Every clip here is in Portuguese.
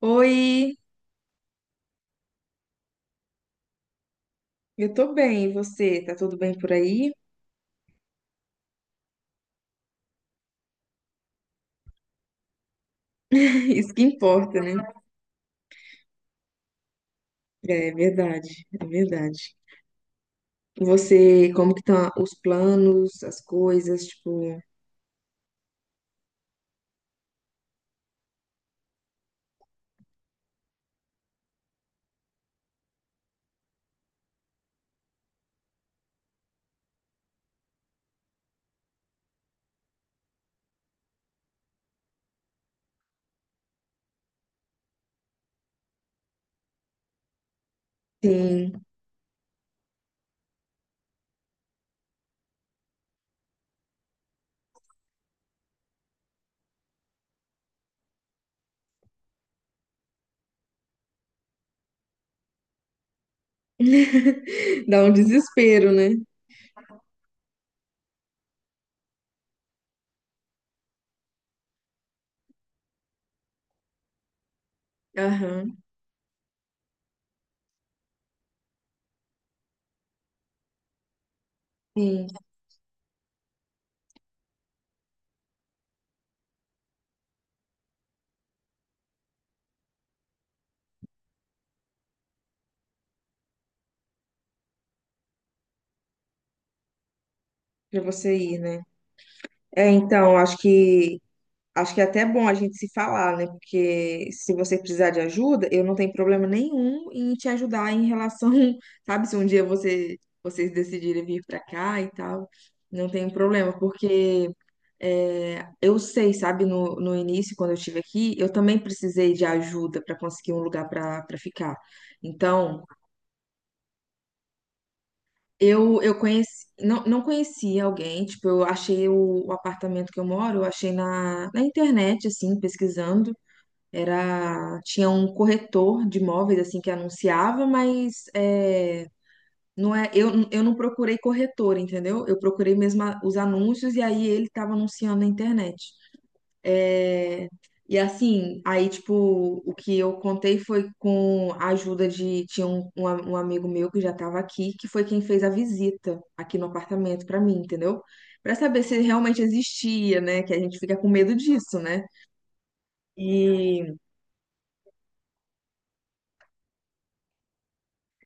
Oi, eu tô bem, e você? Tá tudo bem por aí? Isso que importa, né? É verdade, é verdade. Você, como que estão os planos, as coisas, tipo, sim, dá um desespero, né? Aham, sim, pra você ir, né? É, então, acho que é até bom a gente se falar, né? Porque se você precisar de ajuda, eu não tenho problema nenhum em te ajudar em relação, sabe, se um dia você, vocês decidirem vir pra cá e tal, não tenho problema, porque é, eu sei, sabe, no início, quando eu estive aqui, eu também precisei de ajuda para conseguir um lugar para ficar. Então, eu conheci, não, não conhecia alguém, tipo, eu achei o apartamento que eu moro, eu achei na internet, assim, pesquisando. Era, tinha um corretor de imóveis assim que anunciava, mas é, não é, eu não procurei corretor, entendeu? Eu procurei mesmo os anúncios e aí ele estava anunciando na internet. É, e assim, aí tipo, o que eu contei foi com a ajuda de, tinha um amigo meu que já estava aqui, que foi quem fez a visita aqui no apartamento para mim, entendeu? Para saber se realmente existia, né? Que a gente fica com medo disso, né? E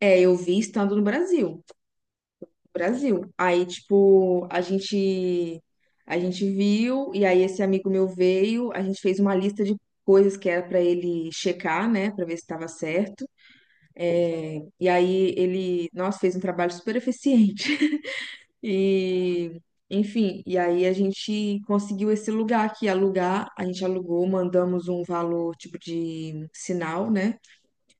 é, eu vi estando no Brasil. Brasil. Aí, tipo, a gente viu e aí esse amigo meu veio, a gente fez uma lista de coisas que era para ele checar, né, para ver se estava certo. É, e aí ele, nossa, fez um trabalho super eficiente. E enfim, e aí a gente conseguiu esse lugar aqui alugar, a gente alugou, mandamos um valor tipo de sinal, né?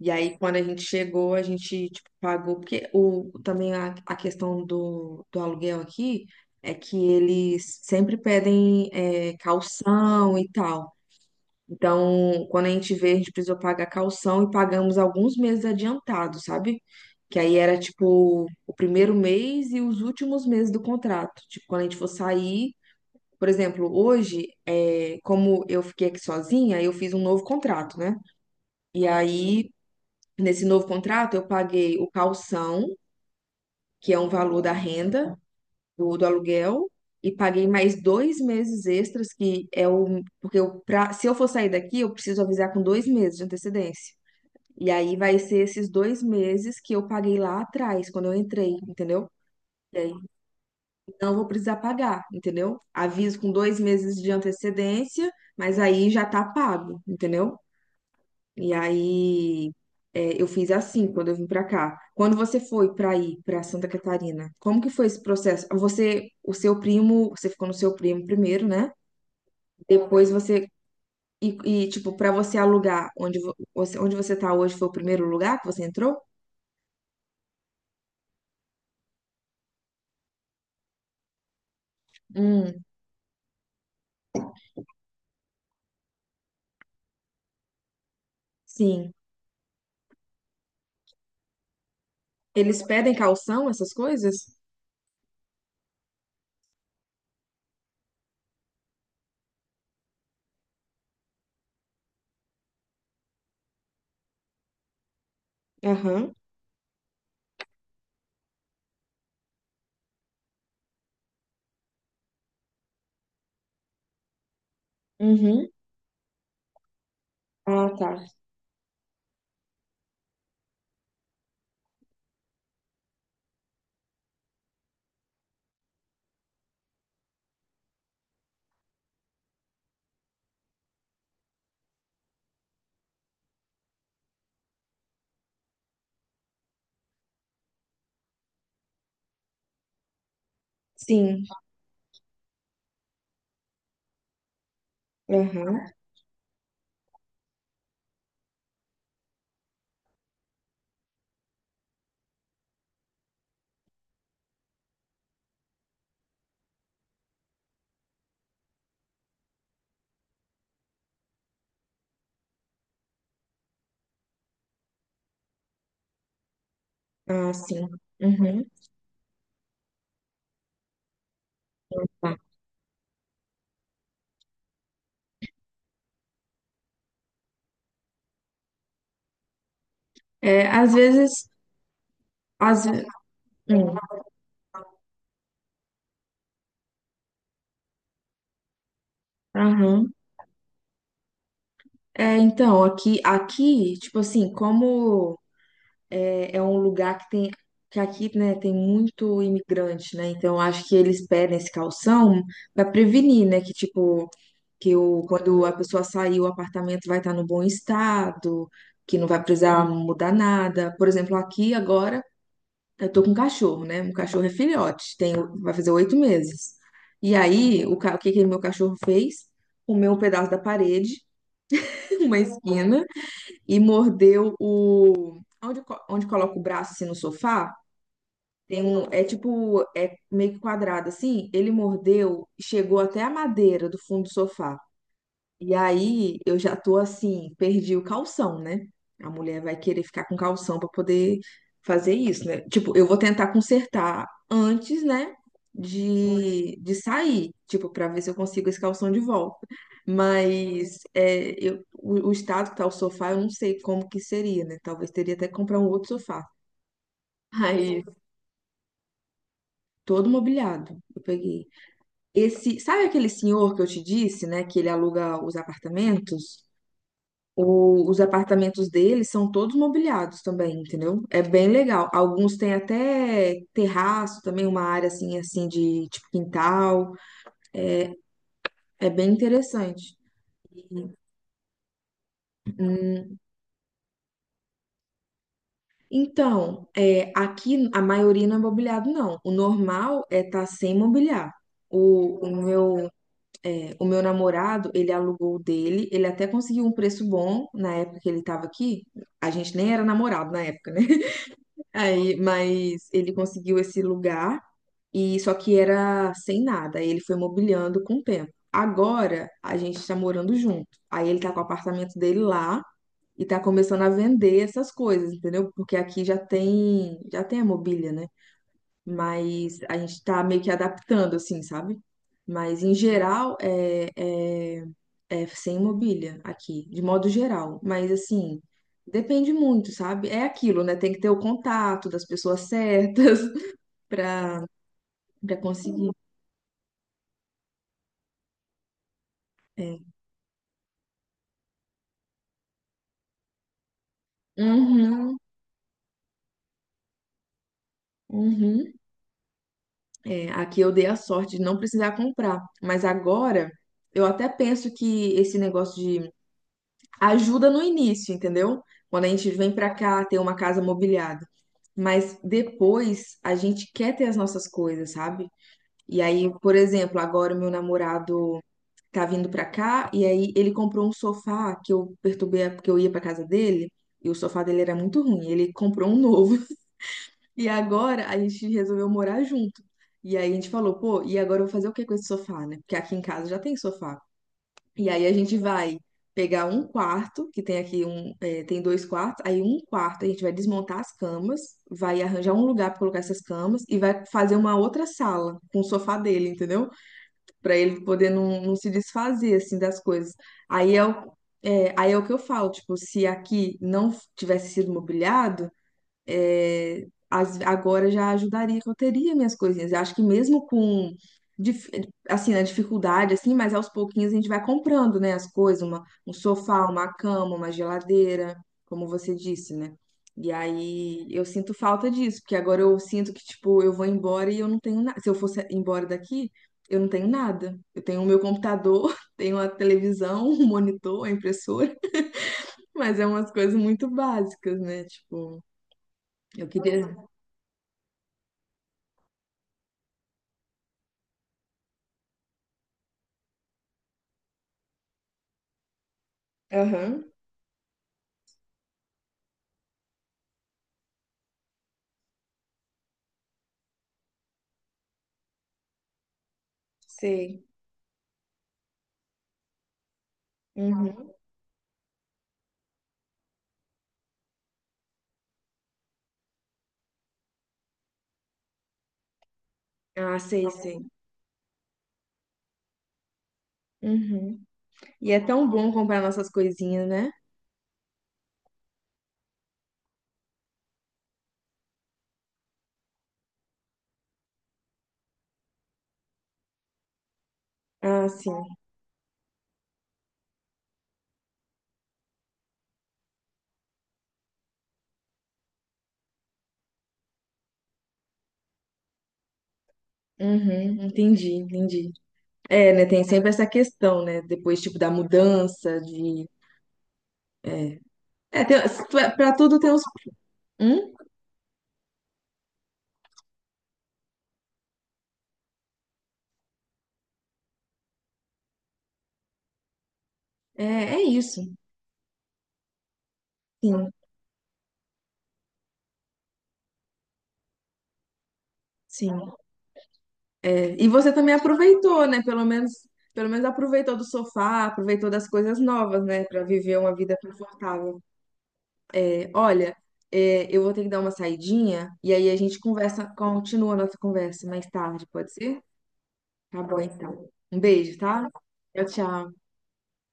E aí, quando a gente chegou, a gente, tipo, pagou, porque o, também a questão do aluguel aqui é que eles sempre pedem é, calção e tal. Então, quando a gente veio, a gente precisou pagar calção e pagamos alguns meses adiantado, sabe? Que aí era, tipo, o primeiro mês e os últimos meses do contrato. Tipo, quando a gente for sair, por exemplo, hoje, é, como eu fiquei aqui sozinha, eu fiz um novo contrato, né? E aí nesse novo contrato, eu paguei o calção, que é um valor da renda do aluguel, e paguei mais 2 meses extras, que é o. Porque eu, pra, se eu for sair daqui, eu preciso avisar com 2 meses de antecedência. E aí vai ser esses 2 meses que eu paguei lá atrás, quando eu entrei, entendeu? E aí não vou precisar pagar, entendeu? Aviso com 2 meses de antecedência, mas aí já tá pago, entendeu? E aí é, eu fiz assim quando eu vim pra cá. Quando você foi pra ir pra Santa Catarina, como que foi esse processo? Você, o seu primo, você ficou no seu primo primeiro, né? Depois você e, tipo para você alugar onde você tá hoje foi o primeiro lugar que você entrou? Hum, sim. Eles pedem calção, essas coisas? Aham. Uhum. Ah, tá. Sim. Aham. Ah, sim. Uhum. Tá. É, às vezes, às, ve- hum, aham. É, então, aqui, aqui, tipo assim, como é um lugar que tem, que aqui, né, tem muito imigrante, né, então acho que eles pedem esse calção para prevenir, né, que tipo, que o, quando a pessoa sair, o apartamento vai estar no bom estado, que não vai precisar mudar nada. Por exemplo, aqui agora, eu tô com um cachorro, né, um cachorro é filhote, tem, vai fazer 8 meses. E aí, o que que meu cachorro fez? Comeu um pedaço da parede, uma esquina, e mordeu o. Onde coloca o braço assim no sofá? Tem um. É tipo. É meio que quadrado assim. Ele mordeu, chegou até a madeira do fundo do sofá. E aí eu já tô assim, perdi o calção, né? A mulher vai querer ficar com calção pra poder fazer isso, né? Tipo, eu vou tentar consertar antes, né? De sair, tipo, pra ver se eu consigo esse calção de volta. Mas é, eu, o estado que tá o sofá, eu não sei como que seria, né? Talvez teria até que comprar um outro sofá. Aí, todo mobiliado, eu peguei. Esse, sabe aquele senhor que eu te disse, né? Que ele aluga os apartamentos? Os apartamentos deles são todos mobiliados também, entendeu? É bem legal. Alguns têm até terraço também, uma área assim, assim de tipo quintal. É bem interessante. Então, é, aqui a maioria não é mobiliado, não. O normal é estar sem mobiliar. O, o meu, o meu namorado, ele alugou o dele, ele até conseguiu um preço bom na época que ele estava aqui. A gente nem era namorado na época, né? Aí, mas ele conseguiu esse lugar e só que era sem nada. Aí ele foi mobiliando com o tempo. Agora a gente está morando junto. Aí ele tá com o apartamento dele lá e tá começando a vender essas coisas, entendeu? Porque aqui já tem a mobília, né? Mas a gente está meio que adaptando, assim, sabe? Mas em geral é sem mobília aqui, de modo geral. Mas assim, depende muito, sabe? É aquilo, né? Tem que ter o contato das pessoas certas para conseguir. É. Uhum, uhum. É, aqui eu dei a sorte de não precisar comprar. Mas agora eu até penso que esse negócio de ajuda no início, entendeu? Quando a gente vem pra cá ter uma casa mobiliada. Mas depois a gente quer ter as nossas coisas, sabe? E aí, por exemplo, agora o meu namorado tá vindo pra cá e aí ele comprou um sofá que eu perturbei porque eu ia pra casa dele. E o sofá dele era muito ruim, ele comprou um novo. E agora a gente resolveu morar junto. E aí a gente falou, pô, e agora eu vou fazer o que com esse sofá, né? Porque aqui em casa já tem sofá. E aí a gente vai pegar um quarto, que tem aqui um, é, tem dois quartos, aí um quarto a gente vai desmontar as camas, vai arranjar um lugar para colocar essas camas e vai fazer uma outra sala com o sofá dele, entendeu? Para ele poder não se desfazer assim das coisas. Aí é o, aí é o que eu falo, tipo, se aqui não tivesse sido mobiliado, é, agora já ajudaria que eu teria minhas coisinhas. Eu acho que mesmo com dif- assim, na dificuldade, assim, mas aos pouquinhos a gente vai comprando, né, as coisas, uma, um sofá, uma cama, uma geladeira, como você disse, né? E aí eu sinto falta disso, porque agora eu sinto que, tipo, eu vou embora e eu não tenho nada. Se eu fosse embora daqui, eu não tenho nada. Eu tenho o meu computador, tenho a televisão, um monitor, a impressora, mas é umas coisas muito básicas, né? Tipo, eu queria. Aham, sei. Uhum. Ah, sei, sei. Uhum. E é tão bom comprar nossas coisinhas, né? Ah, sim. Uhum, entendi, entendi. É, né? Tem sempre essa questão, né? Depois, tipo, da mudança, de. É, é tem, pra tudo tem os. Hum? É, é isso. Sim, sim. É. E você também aproveitou, né? Pelo menos aproveitou do sofá, aproveitou das coisas novas, né? Pra viver uma vida confortável. Olha, é, eu vou ter que dar uma saidinha e aí a gente conversa, continua a nossa conversa mais tarde, pode ser? Tá bom, então. Um beijo, tá? Tchau, tchau.